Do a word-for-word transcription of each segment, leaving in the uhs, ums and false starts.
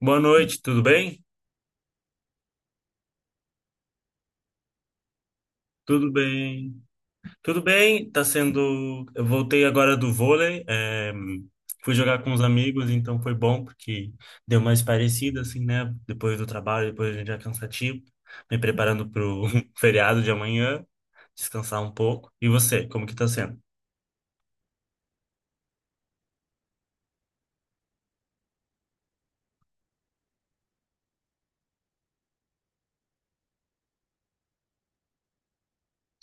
Boa noite, tudo bem? Tudo bem. Tudo bem, tá sendo. Eu voltei agora do vôlei, é, fui jogar com os amigos, então foi bom, porque deu mais parecido, assim, né? Depois do trabalho, depois a gente já é cansativo, me preparando pro feriado de amanhã, descansar um pouco. E você, como que tá sendo?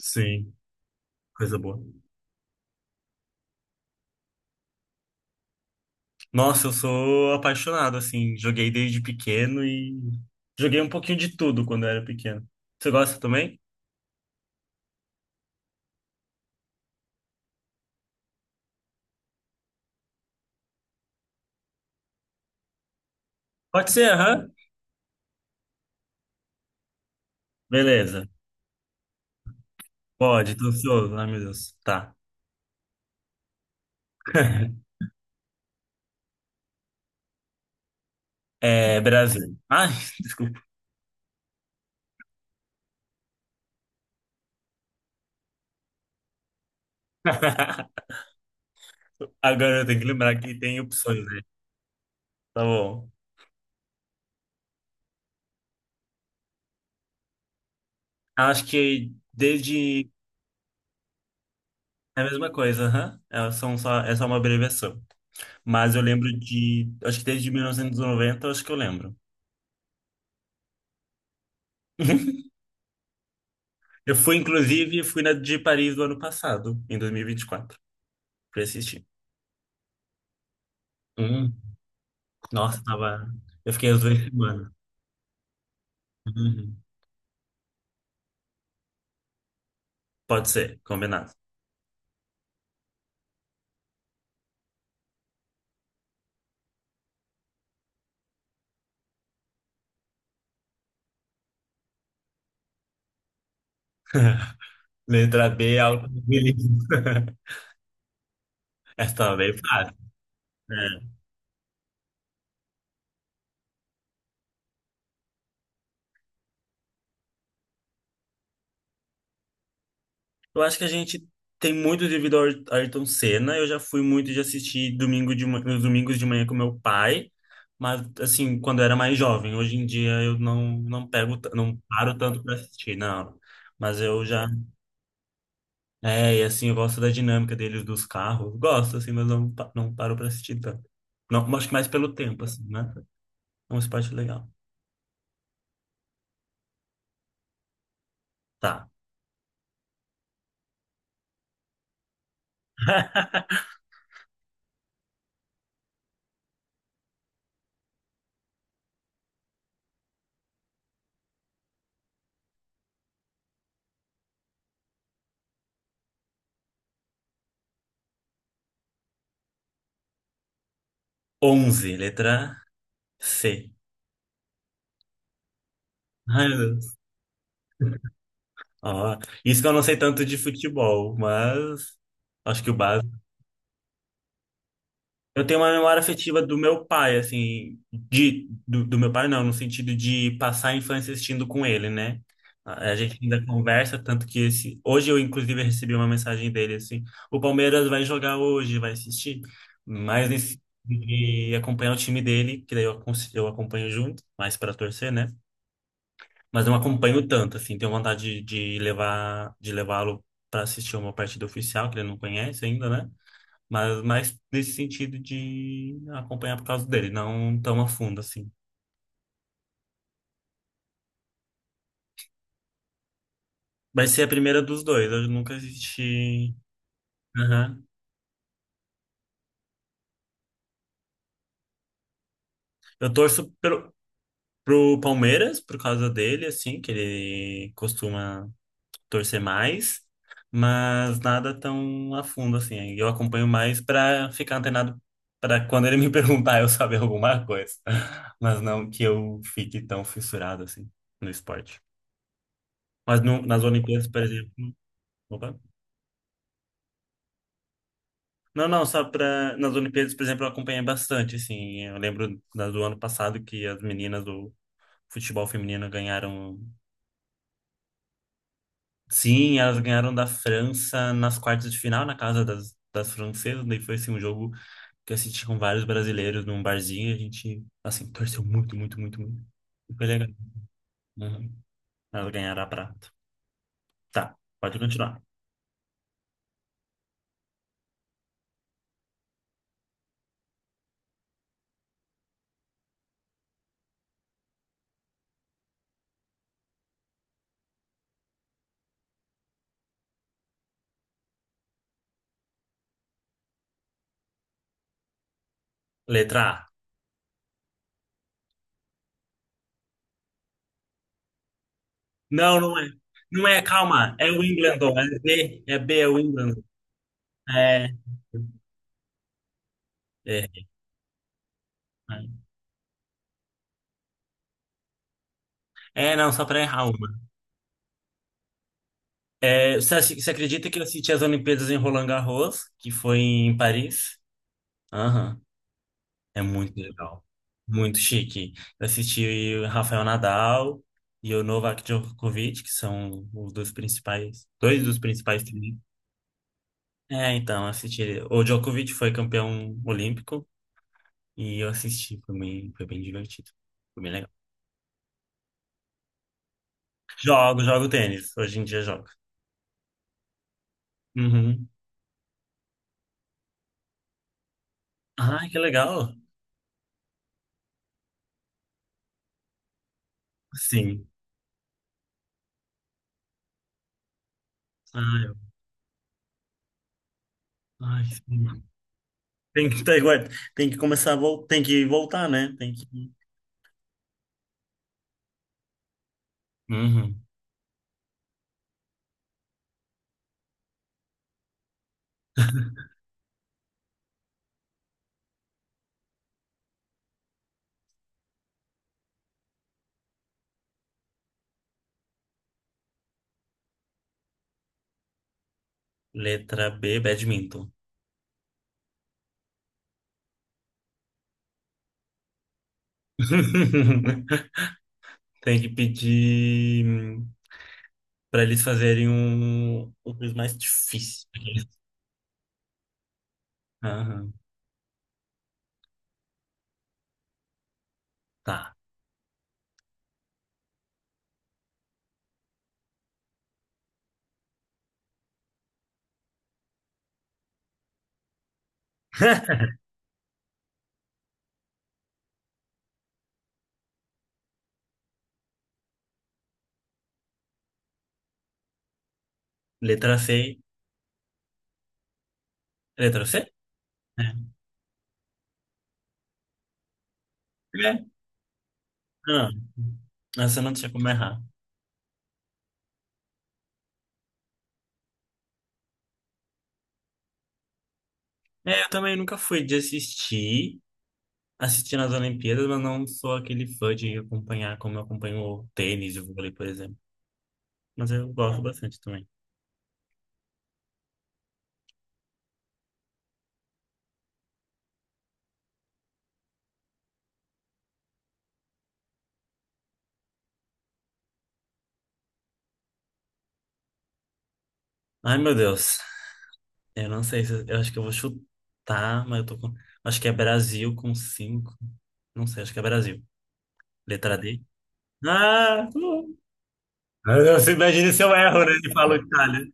Sim, coisa boa. Nossa, eu sou apaixonado, assim, joguei desde pequeno e joguei um pouquinho de tudo quando eu era pequeno. Você gosta também? Pode ser, aham. Beleza. Pode, tô ansioso. Ai, meu Deus. Tá. É Brasil. Ai, desculpa. Agora eu tenho que lembrar que tem opções, né? Tá bom. Acho que desde. É a mesma coisa, aham. É só, só- é só uma abreviação. Mas eu lembro de. Acho que desde mil novecentos e noventa, acho que eu lembro. Eu fui, inclusive, fui na de Paris do ano passado, em dois mil e vinte e quatro, pra assistir. Hum, Nossa, tava. Eu fiquei as duas semanas. Uhum. Pode ser, combinado. Letra B é algo difícil. Essa tava bem fácil. Né? Eu acho que a gente tem muito devido ao Ayrton Ayrton Senna. Eu já fui muito de assistir domingo de, ma- nos domingos de manhã com meu pai, mas assim, quando eu era mais jovem. Hoje em dia eu não, não pego, ta- não paro tanto para assistir, não. Mas eu já. É, e assim, eu gosto da dinâmica deles, dos carros. Gosto, assim, mas não, pa- não paro para assistir tanto. Não, acho que mais pelo tempo, assim, né? É um esporte legal. Tá. Onze, letra C. Ai, meu Deus. Ó, isso que eu não sei tanto de futebol, mas acho que o básico. Eu tenho uma memória afetiva do meu pai, assim, de, do, do meu pai não, no sentido de passar a infância assistindo com ele, né? A a gente ainda conversa, tanto que esse, hoje eu inclusive recebi uma mensagem dele assim, o Palmeiras vai jogar hoje, vai assistir, mas nesse de acompanhar o time dele, que daí eu, acon- eu acompanho junto, mais para torcer, né? Mas não acompanho tanto, assim, tenho vontade de, de levar, de levá-lo para assistir uma partida oficial, que ele não conhece ainda, né? Mas mais nesse sentido de acompanhar por causa dele, não tão a fundo, assim. Vai ser a primeira dos dois, eu nunca assisti. Aham. Eu torço pelo, pro Palmeiras, por causa dele, assim, que ele costuma torcer mais, mas nada tão a fundo assim. Aí eu acompanho mais para ficar antenado para quando ele me perguntar eu saber alguma coisa, mas não que eu fique tão fissurado assim no esporte. Mas no, nas Olimpíadas, por exemplo, opa. Não, não, só para nas Olimpíadas, por exemplo, eu acompanhei bastante assim. Eu lembro da- do ano passado que as meninas do futebol feminino ganharam. Sim, elas ganharam da França nas quartas de final, na casa das, das francesas. Daí foi assim, um jogo que eu assisti com vários brasileiros num barzinho e a gente, assim, torceu muito, muito, muito, muito. E foi legal. Uhum. Ela ganhará a prata. Tá, pode continuar. Letra A. Não, não é. Não é, calma. É o Wimbledon. É B. É B, é o Wimbledon. É. É. É, não, só pra errar uma. É, você, ac- você acredita que eu assisti as Olimpíadas em Roland Garros, que foi em Paris? Aham. É muito legal. Muito chique. Eu assisti o Rafael Nadal e o Novak Djokovic, que são os dois principais, dois dos principais também. É, então, assisti ele. O Djokovic foi campeão olímpico e eu assisti, foi bem, foi bem divertido. Foi bem legal. Jogo, jogo tênis. Hoje em dia jogo. Uhum. Ai, que legal. Sim. Ai, eu- ai, sim. Tem que, ter- ué, tem que começar a voltar, tem que voltar, né? Tem que. Uhum. Letra B, badminton. Tem que pedir para eles fazerem um, um quiz mais difícil. Aham, tá. Letra C. Letra C? É. É. Ah, essa não tinha como errar. É, eu também nunca fui de assistir, assistir nas Olimpíadas, mas não sou aquele fã de acompanhar como eu acompanho o tênis, o vôlei, por exemplo. Mas eu gosto bastante também. Ai, meu Deus. Eu não sei se eu acho que eu vou chutar, mas eu tô com. Acho que é Brasil com cinco. Não sei, acho que é Brasil. Letra D. Ah, pô. Ah, você imagina se eu erro, né? Ele falou Itália.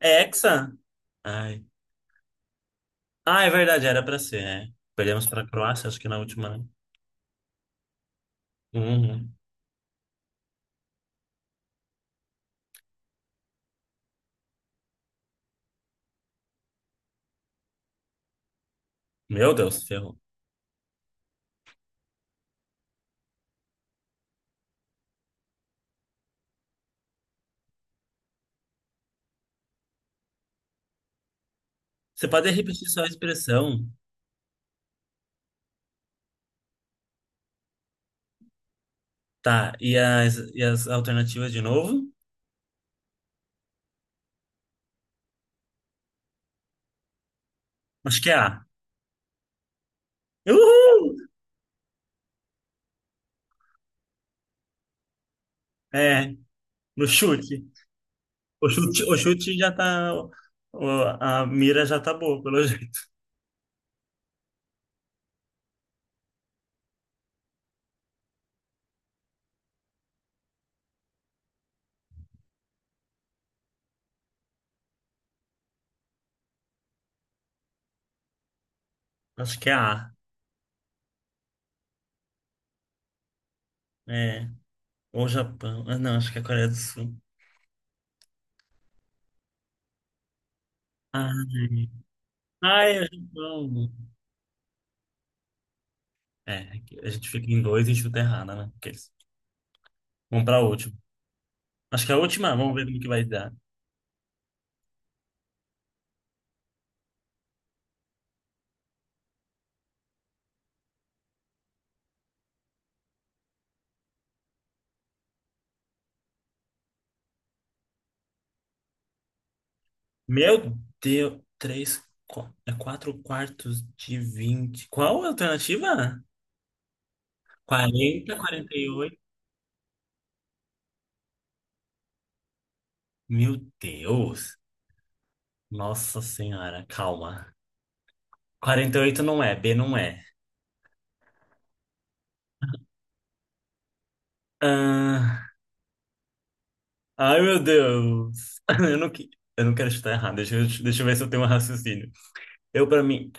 É Hexa? Ai. Ah, é verdade, era pra ser, é. Perdemos pra Croácia, acho que na última, né? Uhum. Meu Deus, ferrou. Você pode repetir só a expressão? Tá, e as, e as alternativas de novo? Acho que é A. Uhul! É, no chute. O chute, o chute já tá. O- a mira já tá boa, pelo jeito. Acho que é A. É. Ou Japão. Ah, não, acho que é a Coreia do Sul. Ai, ai, é o Japão. É, a gente fica em dois e chuta errada, né? Porque eles- Vamos pra última. Acho que é a última, vamos ver no que vai dar. Meu Deus, três. qu- É quatro quartos de vinte. Qual a alternativa? Quarenta, quarenta e oito. Meu Deus. Nossa Senhora, calma. Quarenta e oito não é, B não é. Ah, ai, meu Deus. Eu não, que- eu não quero chutar errado. Deixa eu, deixa eu ver se eu tenho um raciocínio. Eu, pra mim,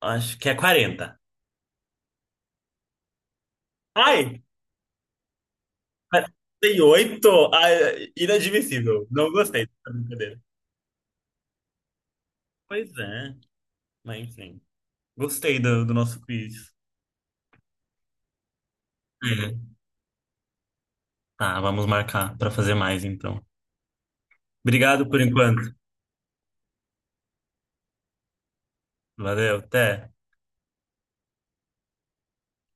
acho que é quarenta. Ai, quarenta e oito? Ai, inadmissível. Não gostei dessa brincadeira. Pois é, mas enfim. Gostei do, do nosso quiz. É. Tá, vamos marcar pra fazer mais, então. Obrigado por enquanto. Valeu, até.